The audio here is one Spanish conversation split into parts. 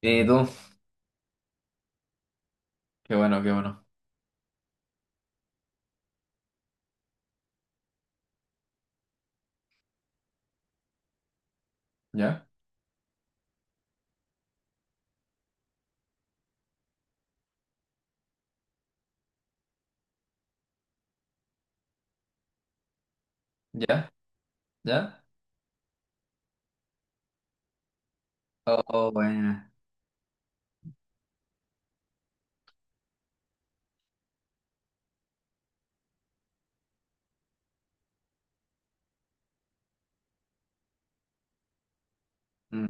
¿Y tú? Qué bueno, qué bueno. ¿Ya? ¿Ya? ¿Ya? Oh, oh, buena. Mm.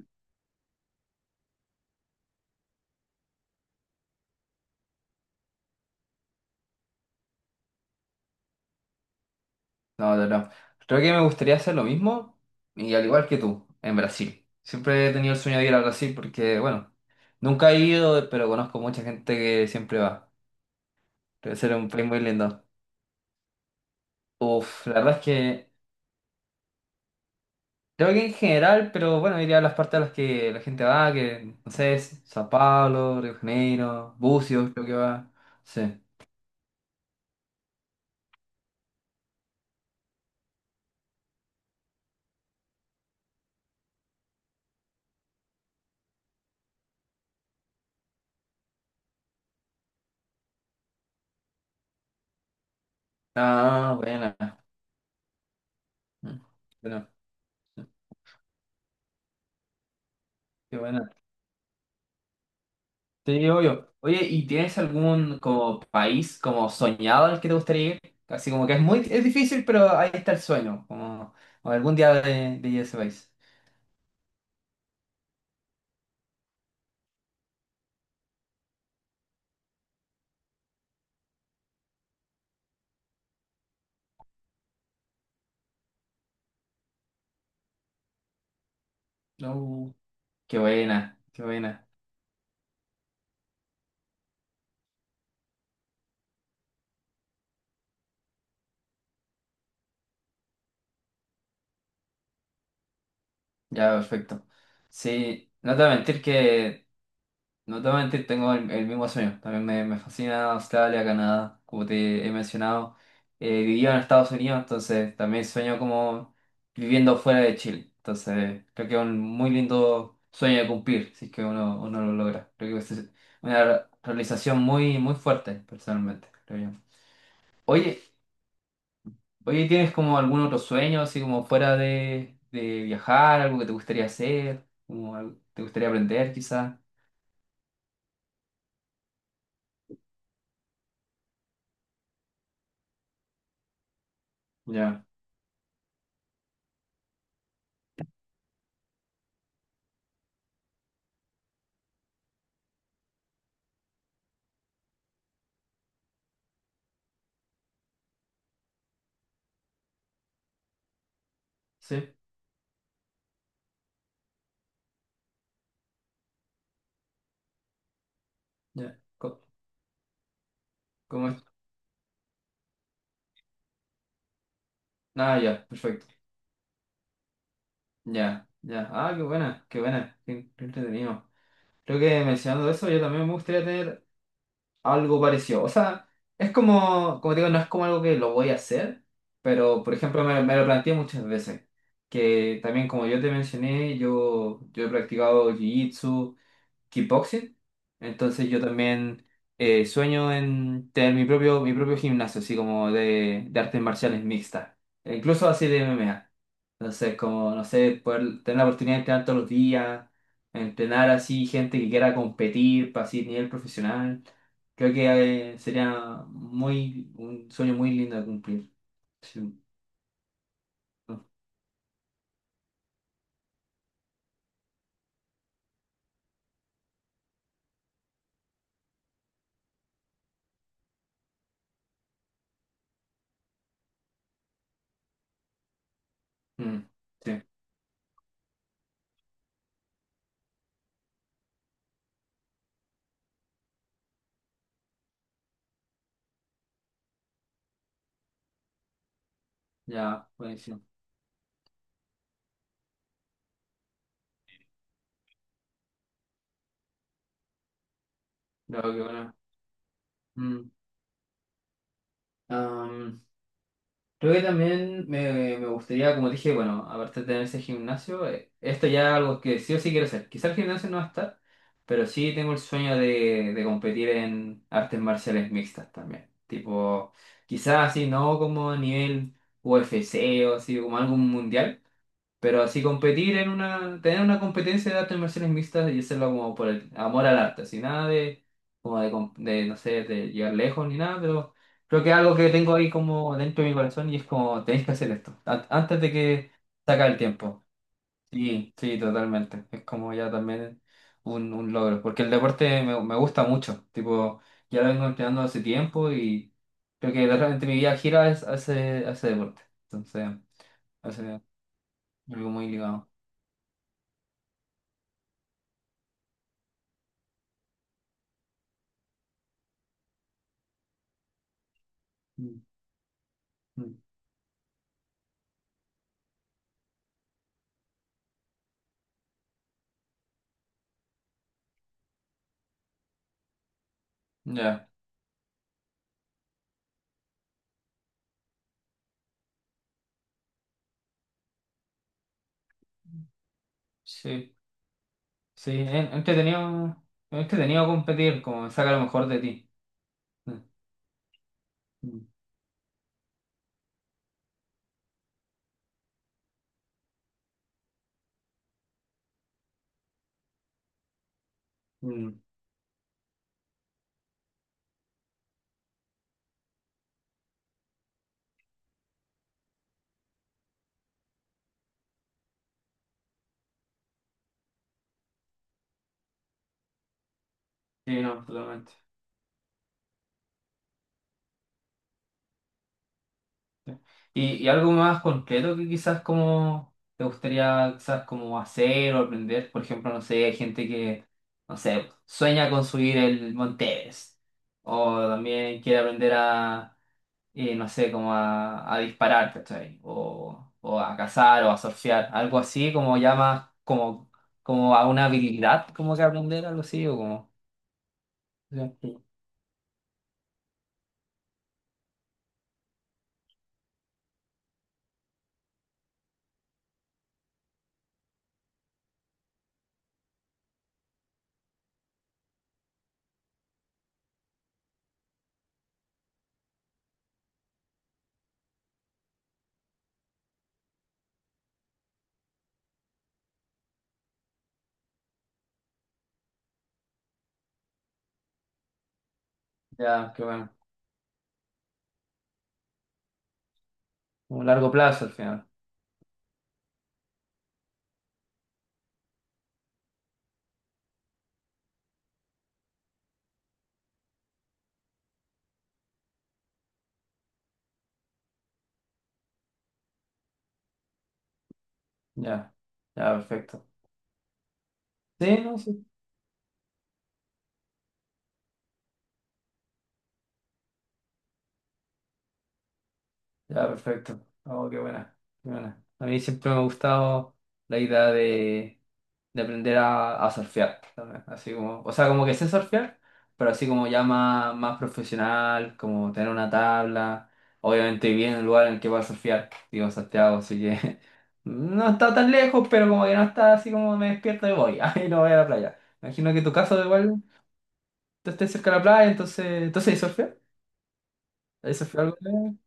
No, no, no. Creo que me gustaría hacer lo mismo y al igual que tú, en Brasil. Siempre he tenido el sueño de ir a Brasil porque, bueno, nunca he ido, pero conozco mucha gente que siempre va. Debe ser un país muy lindo. Uf, la verdad es que creo que en general, pero bueno, iría a las partes a las que la gente va, que no sé, es Sao Paulo, Río de Janeiro, Búzios, creo que va. Sí. Ah, buena. Mm. Bueno. Qué buena. Te digo yo. Oye, ¿y tienes algún como país como soñado al que te gustaría ir? Así como que es muy, es difícil, pero ahí está el sueño, como o algún día de ir a ese país. No. Qué buena, qué buena. Ya, perfecto. Sí, no te voy a mentir que no te voy a mentir, tengo el mismo sueño. También me fascina Australia, Canadá, como te he mencionado. Vivía en Estados Unidos, entonces también sueño como viviendo fuera de Chile. Entonces creo que es un muy lindo sueño de cumplir, si es que uno, uno lo logra. Creo que es una realización muy, muy fuerte, personalmente, creo yo. Oye, oye, ¿tienes como algún otro sueño, así como fuera de viajar, algo que te gustaría hacer, como algo que te gustaría aprender quizás? Ya, sí, ya. ¿Cómo es? Ah, ya, perfecto. Ya, ya. Ah, qué buena, qué buena, qué, qué entretenido. Creo que mencionando eso, yo también me gustaría tener algo parecido. O sea, es como, como te digo, no es como algo que lo voy a hacer, pero por ejemplo, me lo planteé muchas veces. Que también, como yo te mencioné, yo he practicado jiu-jitsu, kickboxing. Entonces yo también sueño en tener mi propio gimnasio, así como de artes marciales mixtas, e incluso así de MMA. Entonces, como, no sé, poder tener la oportunidad de entrenar todos los días, entrenar así gente que quiera competir para así nivel profesional. Creo que sería muy, un sueño muy lindo de cumplir. Sí. Mm, mm, sí, ya, buenísimo. Ya, qué bueno. Mm. Creo que también me gustaría, como dije, bueno, aparte de tener ese gimnasio, esto ya es algo que sí o sí quiero hacer. Quizá el gimnasio no va a estar, pero sí tengo el sueño de competir en artes marciales mixtas también. Tipo, quizás así, no como a nivel UFC o así, como algo mundial, pero así competir en una, tener una competencia de artes marciales mixtas y hacerlo como por el amor al arte, así nada de, como de, de, no sé, de llegar lejos ni nada, pero creo que es algo que tengo ahí como dentro de mi corazón y es como, tenéis que hacer esto, antes de que se acabe el tiempo. Sí, sí, totalmente. Es como ya también un logro, porque el deporte me, me gusta mucho, tipo, ya lo vengo entrenando hace tiempo y creo que realmente mi vida gira hacia, hacia deporte, entonces, hace algo muy ligado. Mm. Ya, sí, sí, es entretenido competir, como saca lo mejor de ti. Mm, mm, mm. Sí, no, totalmente. Y algo más concreto que quizás como te gustaría quizás como hacer o aprender? Por ejemplo, no sé, hay gente que, no sé, sueña con subir el Monte Everest, o también quiere aprender a no sé, como a disparar, ¿cachai? O a cazar o a surfear, algo así, como ya más, como, como a una habilidad, como que aprender algo así, o como, ya, ya, qué bueno, un largo plazo al final, ya, ya, perfecto. Sí, no, sí, ya, perfecto, oh, qué buena, qué buena. A mí siempre me ha gustado la idea de aprender a surfear también. Así como, o sea, como que sé surfear, pero así como ya más, más profesional, como tener una tabla. Obviamente bien en el lugar en el que voy a surfear, digo en Santiago, así que no está tan lejos, pero como que no está así como me despierto y voy, ahí no voy a la playa. Me imagino que tu caso igual, tú estés cerca de la playa, entonces, entonces ¿hay surfear? ¿Hay surfear algo?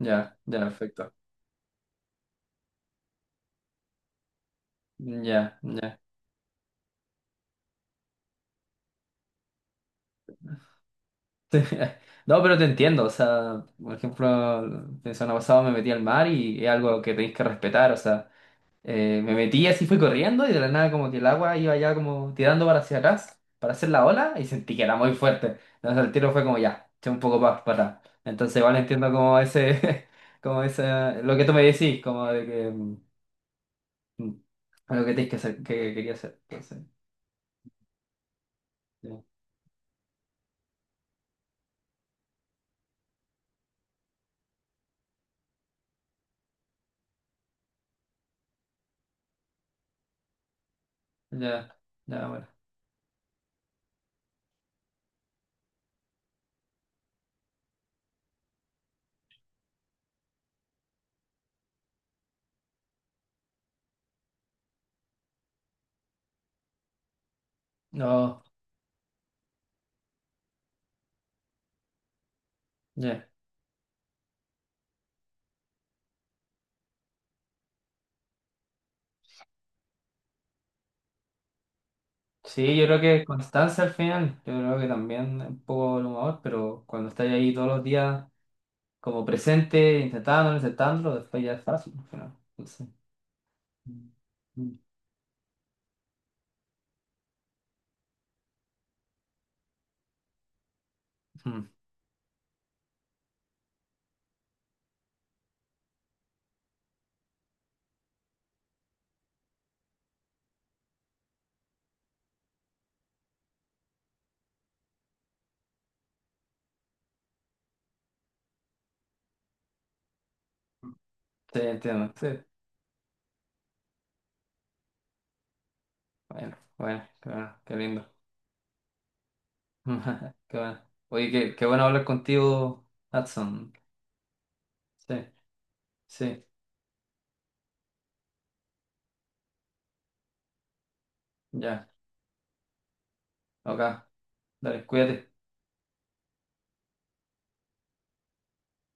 Ya, ya, perfecto. Ya, ya. No, pero te entiendo, o sea, por ejemplo, el semana pasado me metí al mar y es algo que tenéis que respetar, o sea, me metí así, fui corriendo y de la nada como que el agua iba ya como tirando para hacia atrás, para hacer la ola y sentí que era muy fuerte, entonces el tiro fue como ya, eché un poco más para atrás, entonces igual entiendo como ese, como ese, lo que tú me decís, como de que, mm, mm, lo que tenéis que hacer, que quería hacer, entonces, ya, ya, ya, bueno, no, ya. Sí, yo creo que constancia al final, yo creo que también un poco el humor, pero cuando estáis ahí todos los días como presente, intentándolo, intentándolo, después ya es fácil al final. Entonces, mm, mm, mm, sí, entiendo. Sí. Bueno, bueno, qué lindo. Qué bueno. Oye, qué, qué bueno hablar contigo, Hudson. Sí, sí, ya, ok, dale, cuídate.